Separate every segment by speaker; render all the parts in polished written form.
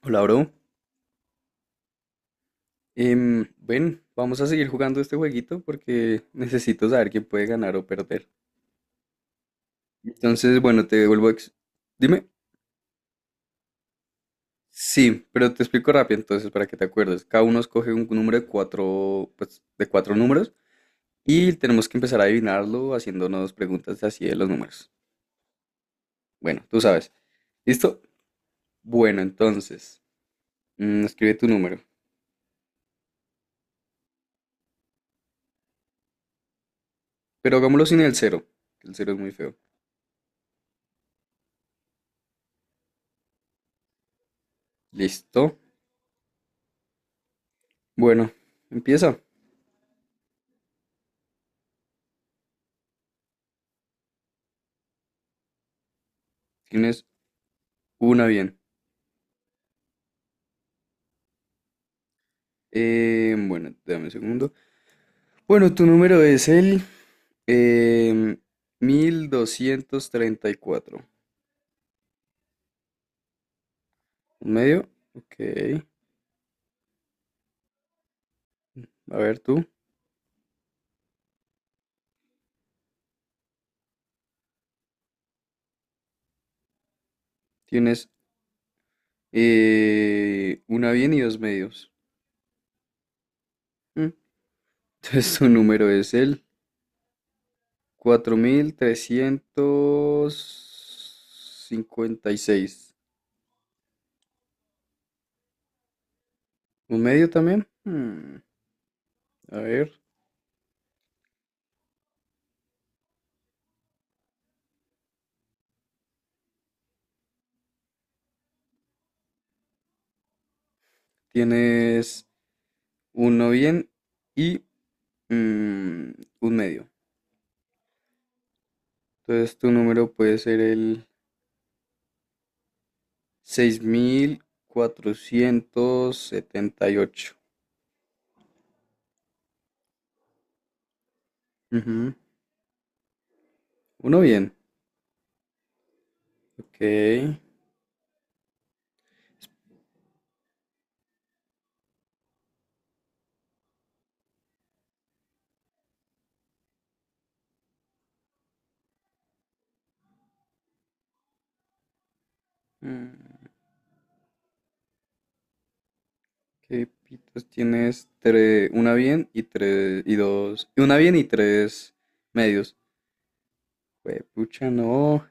Speaker 1: Hola, bro. Ven, vamos a seguir jugando este jueguito porque necesito saber quién puede ganar o perder. Entonces, bueno, te devuelvo. Dime. Sí, pero te explico rápido entonces para que te acuerdes. Cada uno escoge un número de cuatro, pues, de cuatro números y tenemos que empezar a adivinarlo haciéndonos preguntas así de los números. Bueno, tú sabes. ¿Listo? Bueno, entonces, escribe tu número. Pero hagámoslo sin el cero, que el cero es muy feo. ¿Listo? Bueno, empieza. Tienes una bien. Bueno, dame un segundo. Bueno, tu número es el em, 1234. ¿Un medio? Ok. A ver, tú tienes una bien y dos medios. Mm. Entonces tu número es el 4356. ¿Un medio también? A ver, tienes uno bien y mm, un medio. Entonces tu número puede ser el 6478. Ujú. Uno bien. Ok. Mm, ¿Qué pitos tienes? Una bien y tres y dos. Y una bien y tres medios. Pucha, no.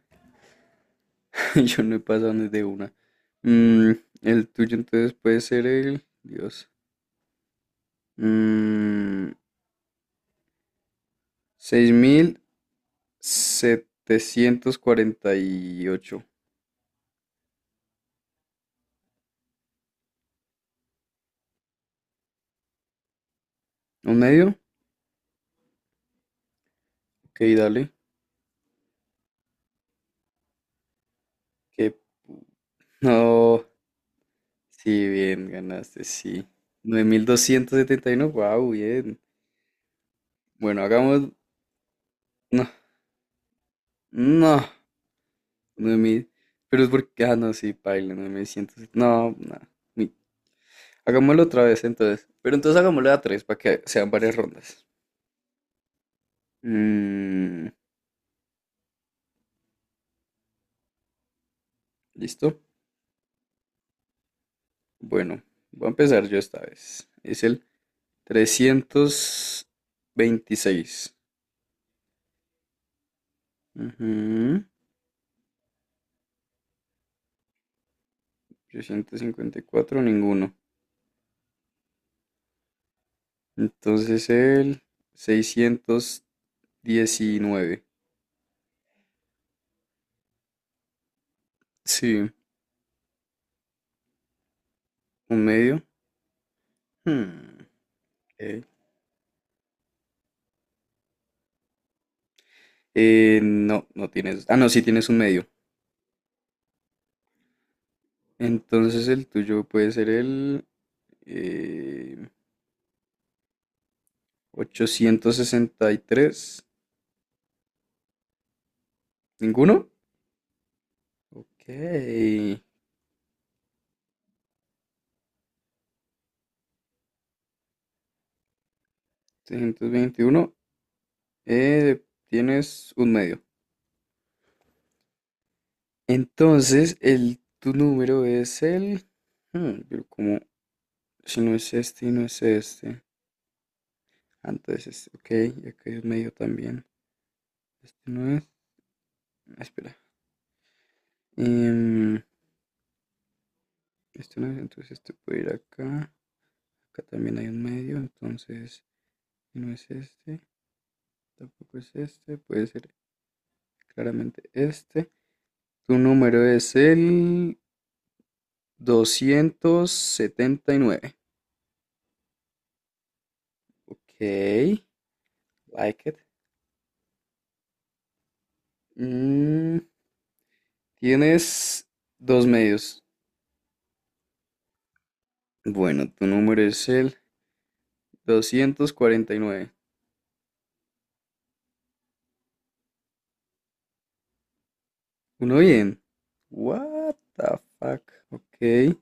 Speaker 1: Yo no he pasado ni de una. Mm, el tuyo entonces puede ser el. Dios. Mm, seis mil setecientos cuarenta y ocho. ¿Un medio? Ok, dale. Que no. Sí, bien, ganaste, sí. 9271, wow, bien. Bueno, hagamos. No, no. Nueve mil, pero es porque. Ah, no, sí, paila, 9100. No, no. mi- Hagámoslo otra vez, entonces. Pero entonces hagámoslo a tres para que sean varias rondas. Mm, ¿listo? Bueno, voy a empezar yo esta vez. Es el 326. Ujú. 354, ninguno. Entonces el 619. Sí. ¿Un medio? Hmm, ok. No, no tienes. Ah, no, sí tienes un medio. Entonces el tuyo puede ser el eh, 863. ¿Ninguno? Ok. 321. Tienes un medio. Entonces el tu número es el. Pero como si no es este y no es este. Ah, entonces, ok, y acá es medio también. Este no es. Ah, espera. Em, este no es, entonces este puede ir acá. Acá también hay un medio, entonces si no es este. Tampoco es este. Puede ser claramente este. Tu número es el 279. Ok, like it. Mm, tienes dos medios. Bueno, tu número es el 249. Uno bien. What the fuck. Ok.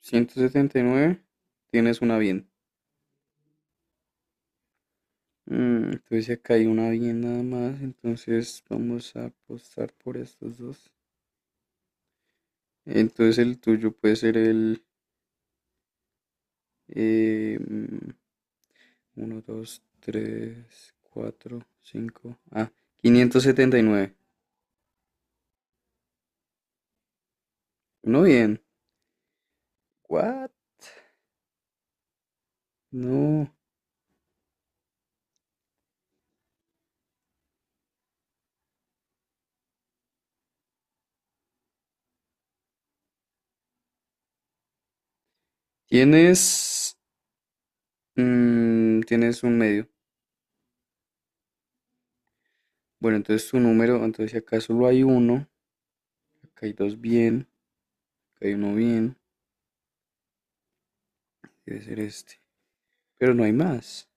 Speaker 1: 179. Tienes una bien. Entonces acá hay una bien nada más. Entonces vamos a apostar por estos dos. Entonces el tuyo puede ser el eh, mm, uno dos tres cuatro cinco. Ah, 579. Uno bien. What? No. Tienes. Tienes un medio. Bueno, entonces su número, entonces si acá solo hay uno, acá hay dos bien, acá hay uno bien, debe ser este. Pero no hay más.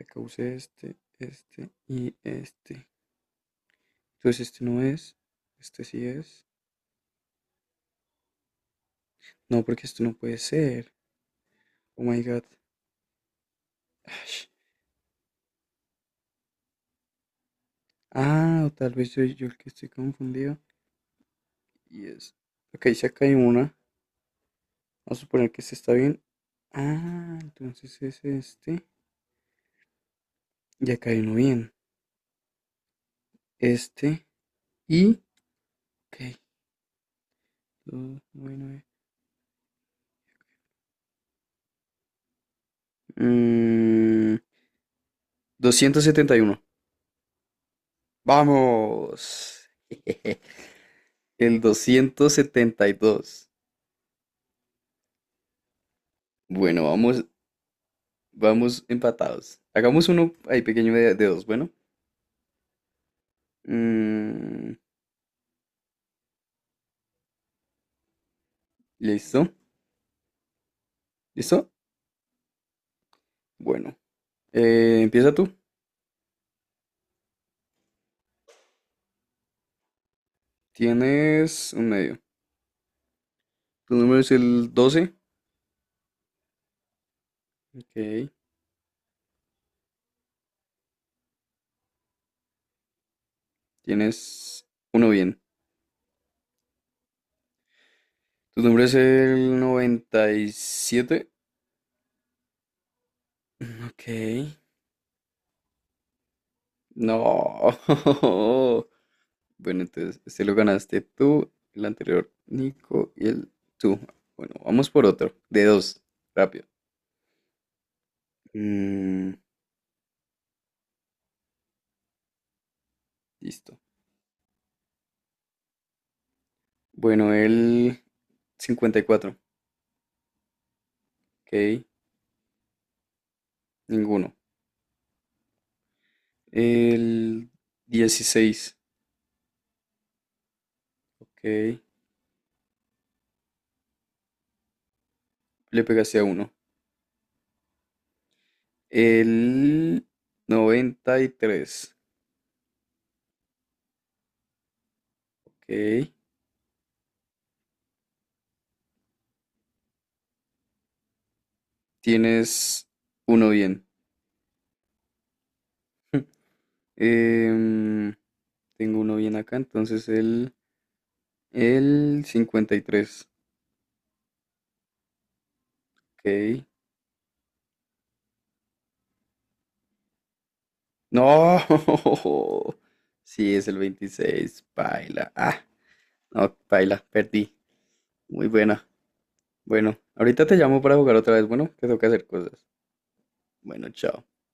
Speaker 1: Acá usé este, este y este. Entonces este no es, este sí es. No, porque esto no puede ser. Oh my god. Ash. Ah, o tal vez yo el que estoy confundido. Y es. Ok, si acá hay una, vamos a suponer que este está bien. Ah, entonces es este. Y acá hay uno bien. Este y. Ok. Dos, nueve, nueve. Mm, 271. Vamos. El 272. Bueno, vamos, vamos empatados. Hagamos uno ahí pequeño de dos. Bueno. Mm, listo. ¿Listo? Bueno. Empieza tú. Tienes un medio. Tu número es el 12. Ok. Tienes uno bien. Tu número es el 97. Ok. No. Bueno, entonces, este lo ganaste tú, el anterior Nico y el tú. Bueno, vamos por otro, de dos, rápido. Mm, listo. Bueno, el 54, ok, ninguno. El 16, ok, le pegaste a uno. El 93, ok, tienes uno bien. Em, tengo uno bien acá, entonces el 53. Ok. No. Sí, es el 26, Paila. Ah, no, paila. Perdí. Muy buena. Bueno, ahorita te llamo para jugar otra vez. Bueno, que tengo que hacer cosas. Bueno, chao.